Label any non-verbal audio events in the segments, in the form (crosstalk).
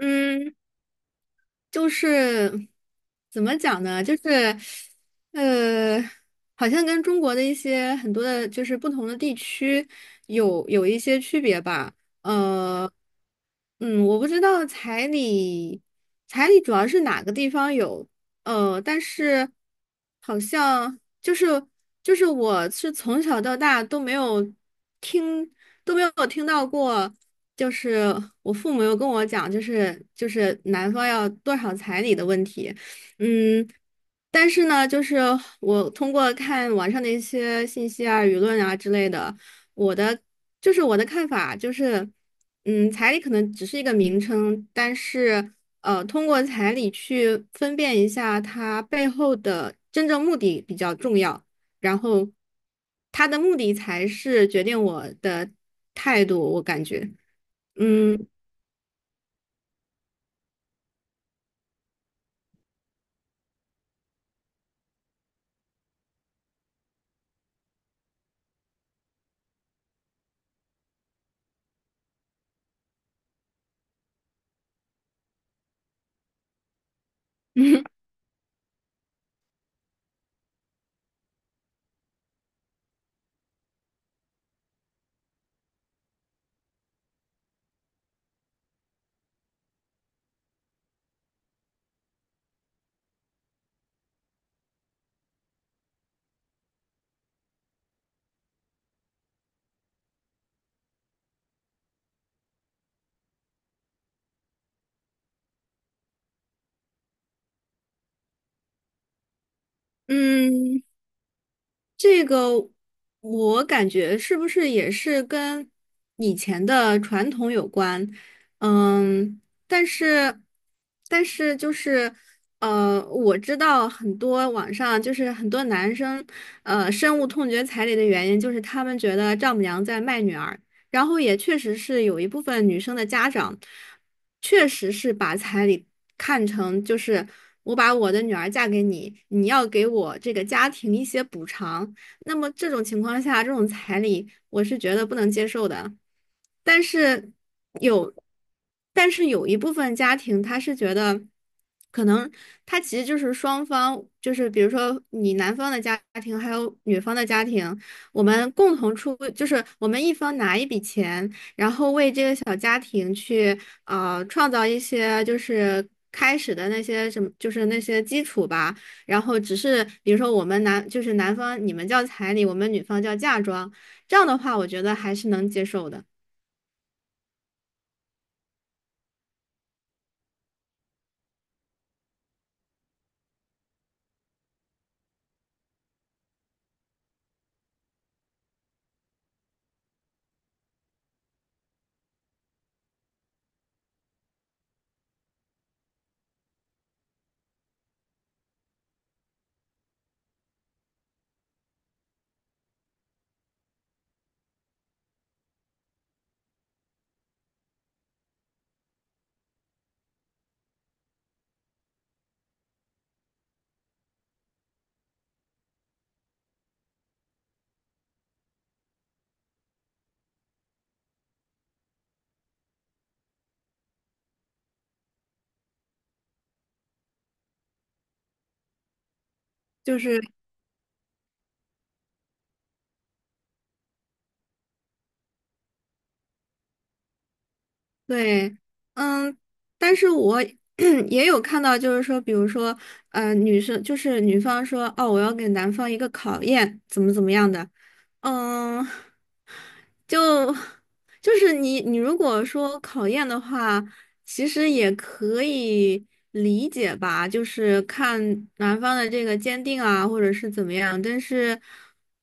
嗯，就是怎么讲呢？就是呃，好像跟中国的一些很多的，就是不同的地区有一些区别吧。呃，我不知道彩礼，彩礼主要是哪个地方有，呃，但是好像就是我是从小到大都没有听。都没有听到过，就是我父母有跟我讲，就是男方要多少彩礼的问题，嗯，但是呢，就是我通过看网上的一些信息啊、舆论啊之类的，我的就是我的看法就是，嗯，彩礼可能只是一个名称，但是呃，通过彩礼去分辨一下它背后的真正目的比较重要，然后它的目的才是决定我的态度，我感觉。嗯嗯。这个我感觉是不是也是跟以前的传统有关？嗯，但是但是呃，我知道很多网上就是很多男生呃深恶痛绝彩礼的原因，就是他们觉得丈母娘在卖女儿，然后也确实是有一部分女生的家长确实是把彩礼看成就是我把我的女儿嫁给你，你要给我这个家庭一些补偿。那么这种情况下，这种彩礼我是觉得不能接受的。但是有，但是有一部分家庭他是觉得，可能他其实就是双方，就是比如说你男方的家庭还有女方的家庭，我们共同出，就是我们一方拿一笔钱，然后为这个小家庭去呃创造一些就是开始的那些什么，就是那些基础吧，然后只是比如说我们男就是男方你们叫彩礼，我们女方叫嫁妆，这样的话我觉得还是能接受的。就是对，嗯，但是我 (clears throat) 也有看到，就是说，比如说，嗯，女生就是女方说，哦，我要给男方一个考验，怎么怎么样的，嗯。就就是你如果说考验的话，其实也可以理解吧，就是看男方的这个坚定啊，或者是怎么样。但是，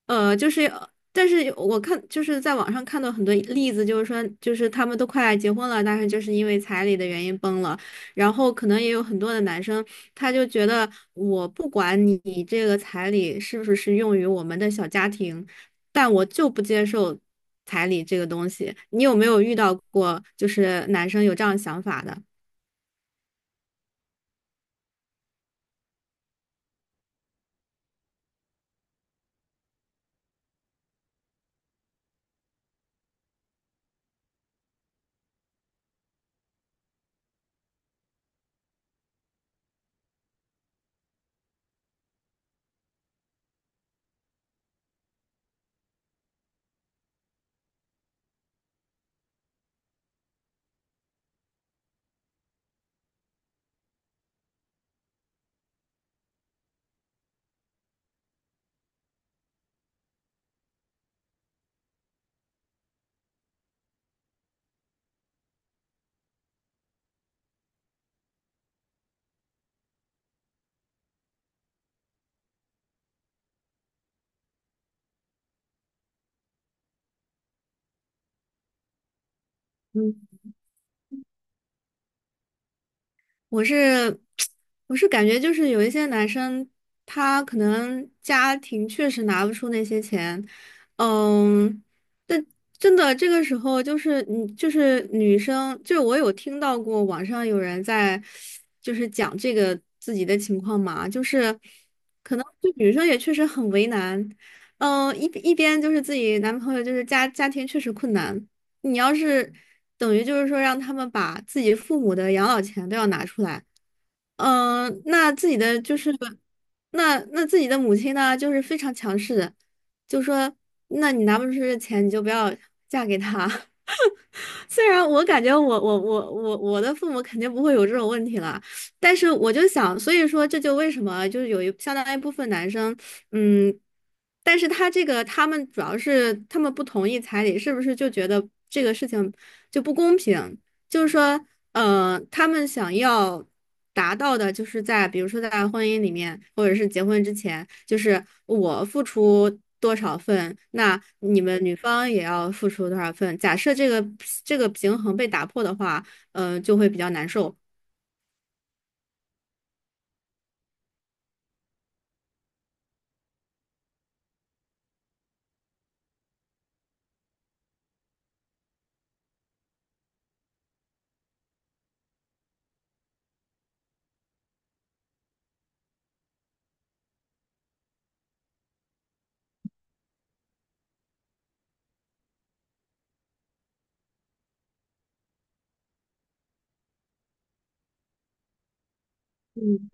呃，就是但是我看就是在网上看到很多例子，就是说就是他们都快结婚了，但是就是因为彩礼的原因崩了。然后可能也有很多的男生，他就觉得我不管你这个彩礼是不是用于我们的小家庭，但我就不接受彩礼这个东西。你有没有遇到过就是男生有这样想法的？嗯，我是 (tsk) 我是感觉就是有一些男生，他可能家庭确实拿不出那些钱，嗯，但真的这个时候就是你就是女生，就是我有听到过网上有人在就是讲这个自己的情况嘛，就是可能就女生也确实很为难，嗯，一边就是自己男朋友就是家庭确实困难。你要是等于就是说让他们把自己父母的养老钱都要拿出来，嗯，那那自己的母亲呢，就是非常强势的，就说那你拿不出这钱，你就不要嫁给他。(laughs) 虽然我感觉我的父母肯定不会有这种问题了，但是我就想，所以说这就为什么就是有相当一部分男生，嗯，但是他这个他们主要是他们不同意彩礼，是不是就觉得这个事情就不公平？就是说，呃，他们想要达到的，就是在比如说在婚姻里面，或者是结婚之前，就是我付出多少份，那你们女方也要付出多少份。假设这个平衡被打破的话，嗯，就会比较难受。嗯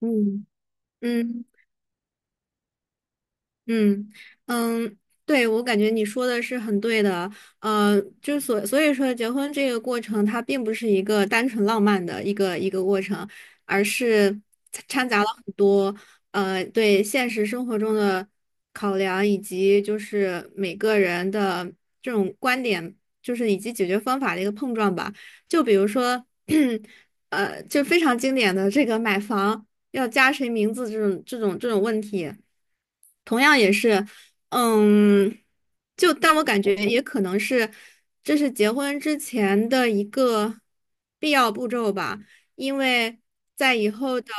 嗯嗯。嗯嗯，对，我感觉你说的是很对的，呃，所以说，结婚这个过程它并不是一个单纯浪漫的一个过程，而是掺杂了很多呃对现实生活中的考量，以及就是每个人的这种观点，就是以及解决方法的一个碰撞吧。就比如说，(clears throat) 呃，就非常经典的这个买房要加谁名字这种问题。同样也是，嗯，就但我感觉也可能是，这是结婚之前的一个必要步骤吧，因为在以后的，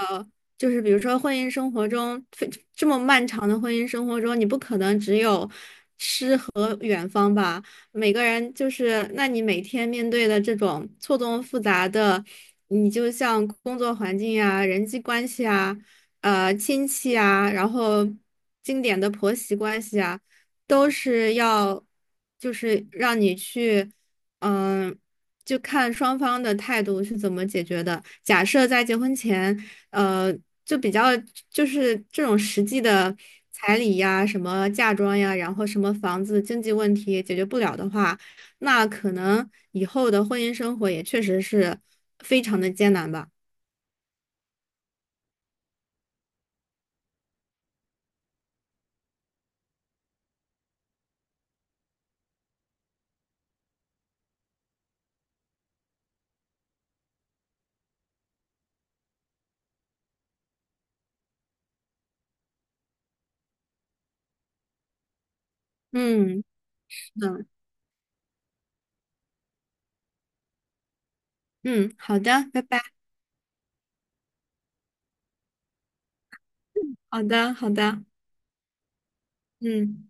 就是比如说婚姻生活中，非这么漫长的婚姻生活中，你不可能只有到远方吧。每个人就是，那你每天面对的这种错综复杂的，你就像工作环境呀、人际关系啊、呃亲戚啊，然后经典的婆媳关系啊，都是要就是让你去，嗯，就看双方的态度是怎么解决的。假设在结婚前，呃，就比较就是这种实际的彩礼呀、什么嫁妆呀，然后什么房子经济问题解决不了的话，那可能以后的婚姻生活也确实是非常的艰难吧。嗯，是的，嗯，好的，拜拜，好的，好的，嗯。